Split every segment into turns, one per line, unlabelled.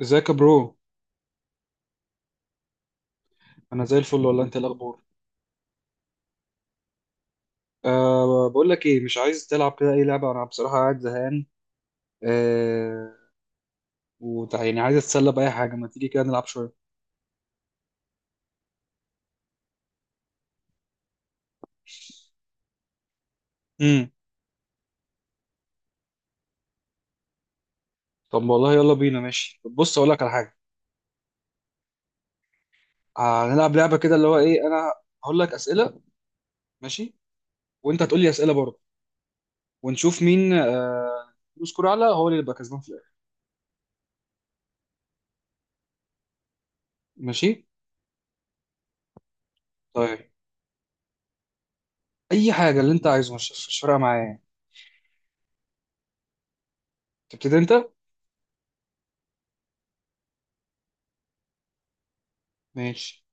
ازيك يا برو؟ انا زي الفل والله، انت إيه الاخبار؟ بقول لك ايه، مش عايز تلعب كده اي لعبه؟ انا بصراحه قاعد زهقان. أه يعني عايز اتسلى باي حاجه، ما تيجي كده نلعب شويه. امم. طب والله يلا بينا، ماشي. طب بص، اقول لك على حاجه. هنلعب لعبه كده، اللي هو ايه انا هقول لك اسئله، ماشي، وانت هتقول لي اسئله برضه، ونشوف مين يسكر اعلى، هو اللي يبقى كسبان في الاخر. ماشي. طيب اي حاجه اللي انت عايزه، مش فارقه معايا يعني. تبتدي انت. ماشي.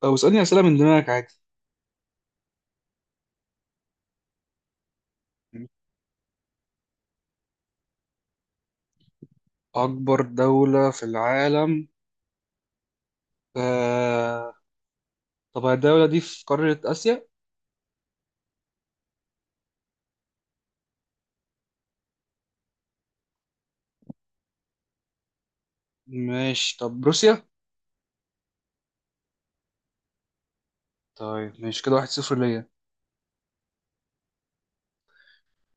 طب اسالني اسئله من دماغك عادي. أكبر دولة في العالم؟ آه... طب الدولة دي في قارة آسيا؟ ماشي، طب روسيا؟ طيب ماشي، كده 1-0 ليا.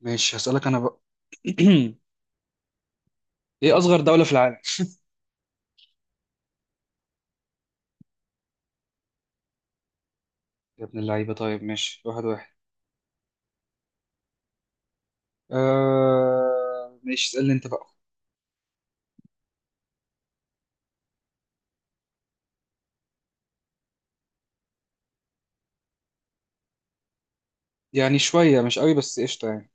ماشي، هسألك أنا بقى. إيه أصغر دولة في العالم؟ يا ابن اللعيبة، طيب ماشي 1-1. ماشي، اسألني أنت بقى. يعني شوية مش قوي بس قشطة يعني.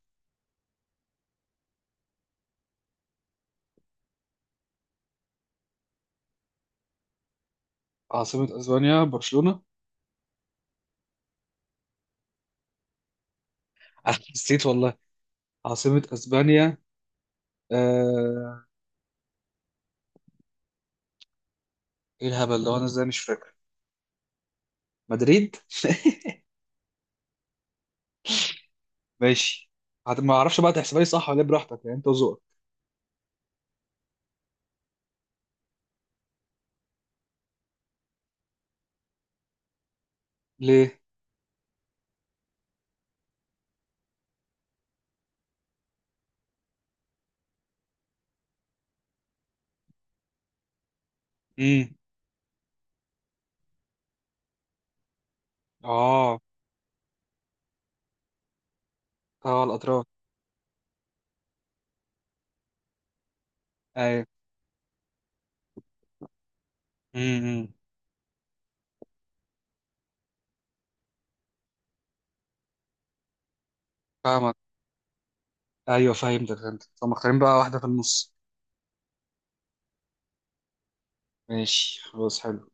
عاصمة أسبانيا برشلونة؟ أنا نسيت والله. عاصمة أسبانيا آه... إيه الهبل ده، وأنا إزاي مش فاكر؟ مدريد؟ ماشي. ما اعرفش بقى، تحسبها لي صح ولا إيه، براحتك يعني انت وذوقك. ليه؟ امم. اه، اه، الاطراف. ايوه. امم. فاهمك. ايوه فهمتك، فهمتك، طب مختارين بقى واحده في النص. ماشي خلاص حلو.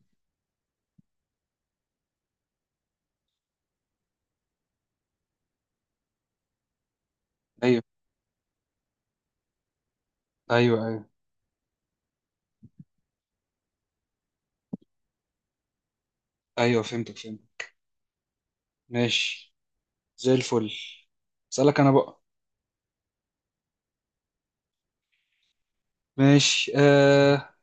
ايوه، ايوه، ايوه، ايوه، فهمتك، فهمتك. ماشي زي الفل. اسالك انا بقى. ماشي.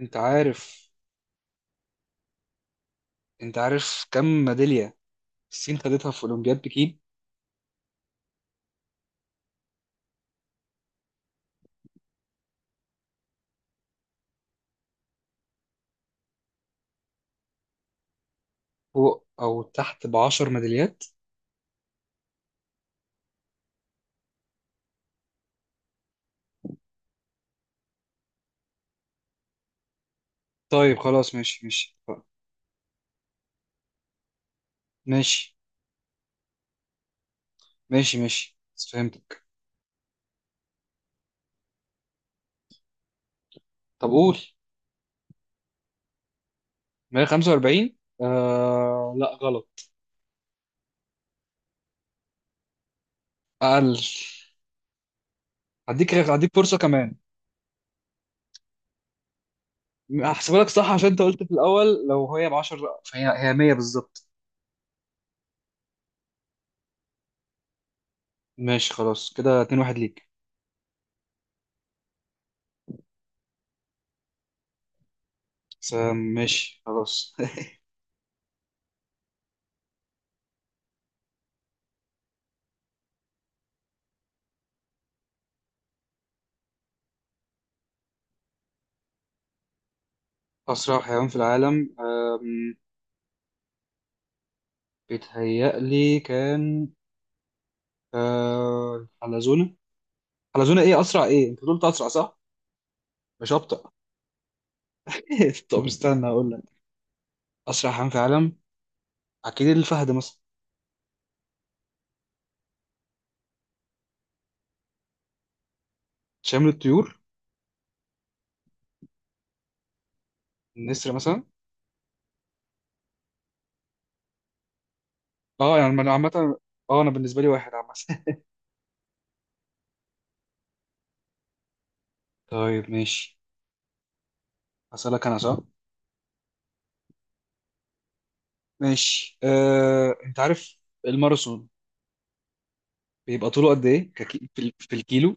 انت عارف انت عارف كم ميداليه الصين خدتها في اولمبياد بكين؟ فوق او تحت ب 10 ميداليات؟ طيب خلاص، ماشي ماشي ماشي ماشي ماشي بس فهمتك. طب قول. 145؟ آه لا، غلط. اقل. هديك فرصه كمان. هحسبها لك صح عشان انت قلت في الاول لو هي ب 10، فهي 100 بالظبط. ماشي خلاص كده 2-1 ليك. بس ماشي خلاص. اسرع حيوان في العالم؟ بيتهيألي كان حلزونه. حلزونه. ايه اسرع، ايه، انت قلت اسرع صح؟ مش ابطأ. طب استنى اقول لك، اسرع حيوان في العالم اكيد الفهد مثلا. شامل الطيور؟ النسر مثلا. اه يعني انا عامة، اه انا بالنسبة لي واحد عامة. طيب ماشي، هسألك انا صح؟ ماشي انت عارف الماراثون بيبقى طوله قد ايه، في الكيلو؟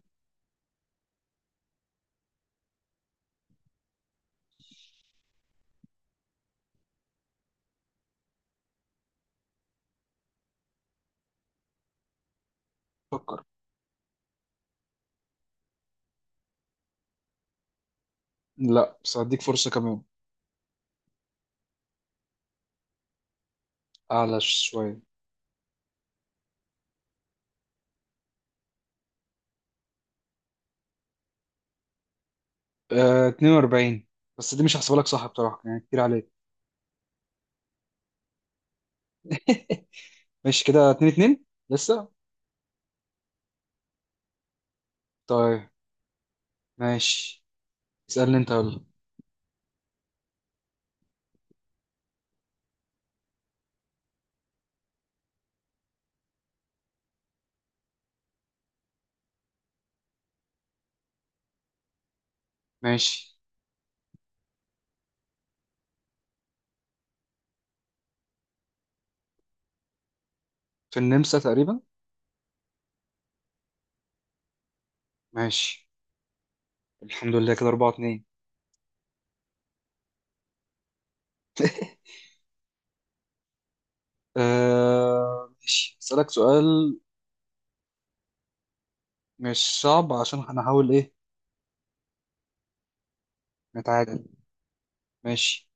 فكر. لا، بس هديك فرصة كمان. اعلى شوية. 42. بس دي مش هحسبها لك صح بصراحة، يعني كتير عليك. ماشي كده 2-2 لسه. طيب ماشي، اسألني انت يلا. ماشي. في النمسا تقريبا. ماشي الحمد لله كده 4-2. ماشي، أسألك سؤال مش صعب عشان هنحاول إيه، نتعادل. ماشي،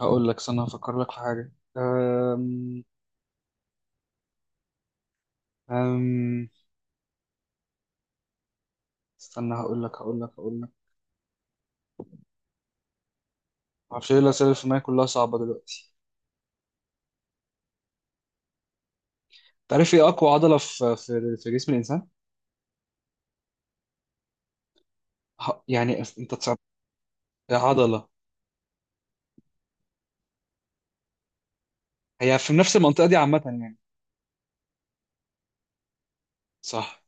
هقول لك استنى هفكر لك في حاجة. أم... أم... استنى هقول لك. معرفش إيه الأسئلة اللي في دماغي، كلها صعبة دلوقتي. تعرف إيه أقوى عضلة في جسم الإنسان؟ يعني أنت تصعب. عضلة. هي في نفس المنطقة دي عامة يعني. صح.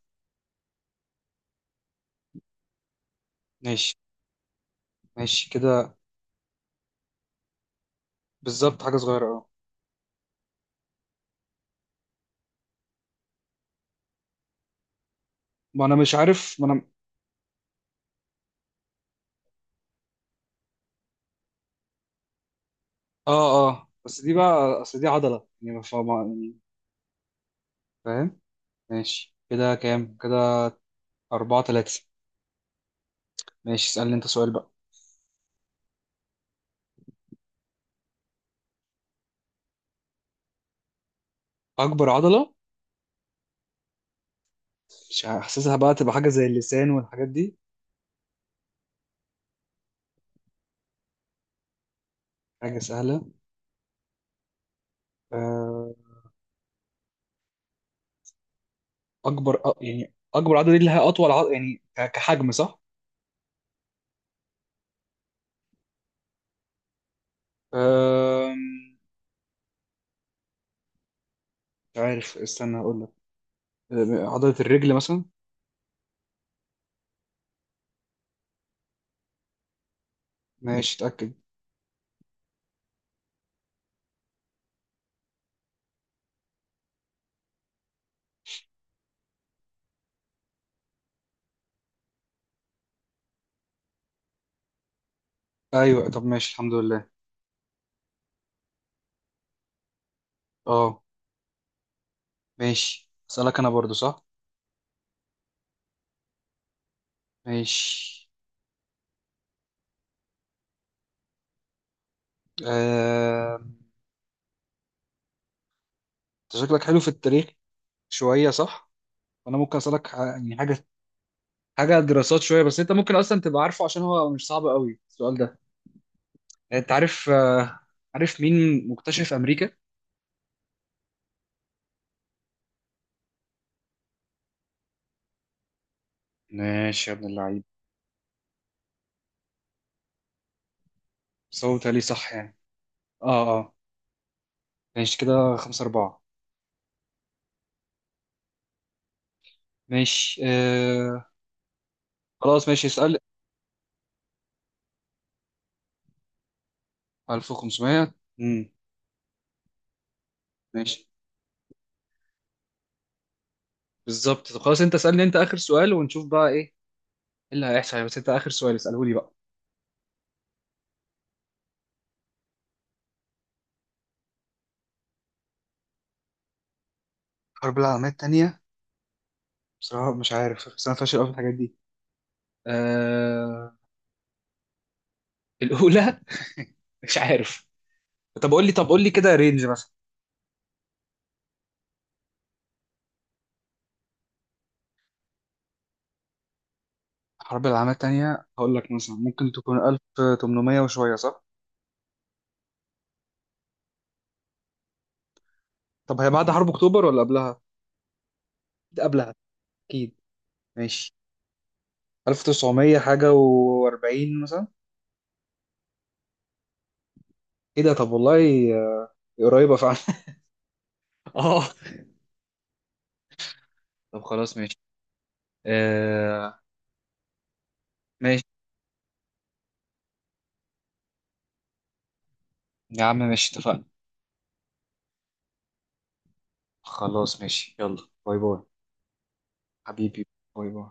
ماشي. ماشي كده بالظبط، حاجة صغيرة أه. ما أنا مش عارف ما أنا آه آه، بس دي بقى أصل دي عضلة يعني يعني. فاهم. ماشي، كده كام كده؟ 4-3. ماشي، اسألني أنت سؤال بقى. أكبر عضلة؟ مش حاسسها، بقى تبقى حاجة زي اللسان والحاجات دي؟ حاجة سهلة. آه، أكبر يعني أكبر عضلة دي اللي هي أطول عضلة يعني كحجم صح؟ آم، مش عارف، استنى هقول لك. عضلة الرجل مثلا. ماشي اتأكد. أيوه طب ماشي الحمد لله. أه، ماشي أسألك أنا برضو صح؟ ماشي. آم، أنت شكلك حلو في التاريخ شوية صح؟ أنا ممكن أسألك يعني حاجة، حاجه دراسات شويه، بس انت ممكن اصلا تبقى عارفه عشان هو مش صعب قوي السؤال ده. يعني انت عارف، عارف مين مكتشف امريكا؟ ماشي، يا ابن اللعيب. بس هو بيتهيألي صح يعني. اه. اه. ماشي كده 5-4. ماشي خلاص، ماشي اسأل. 1500. امم. ماشي بالظبط. طب خلاص، انت اسألني انت آخر سؤال ونشوف بقى إيه اللي هيحصل. بس انت آخر سؤال اسأله لي بقى. الحرب العالمية التانية. بصراحة مش عارف، بس أنا فاشل أوي في الحاجات دي. آه. الأولى. مش عارف. طب قول لي كده رينج مثلا. الحرب العالمية التانية هقول لك مثلا ممكن تكون 1800 وشوية صح؟ طب هي بعد حرب أكتوبر ولا قبلها؟ ده قبلها، أكيد. ماشي. 1900 حاجة و40 مثلا. إيه ده، طب والله. آه، قريبة فعلا. آه. طب خلاص ماشي. آه، ماشي يا عم، ماشي اتفقنا. خلاص ماشي، يلا باي باي. حبيبي. باي باي.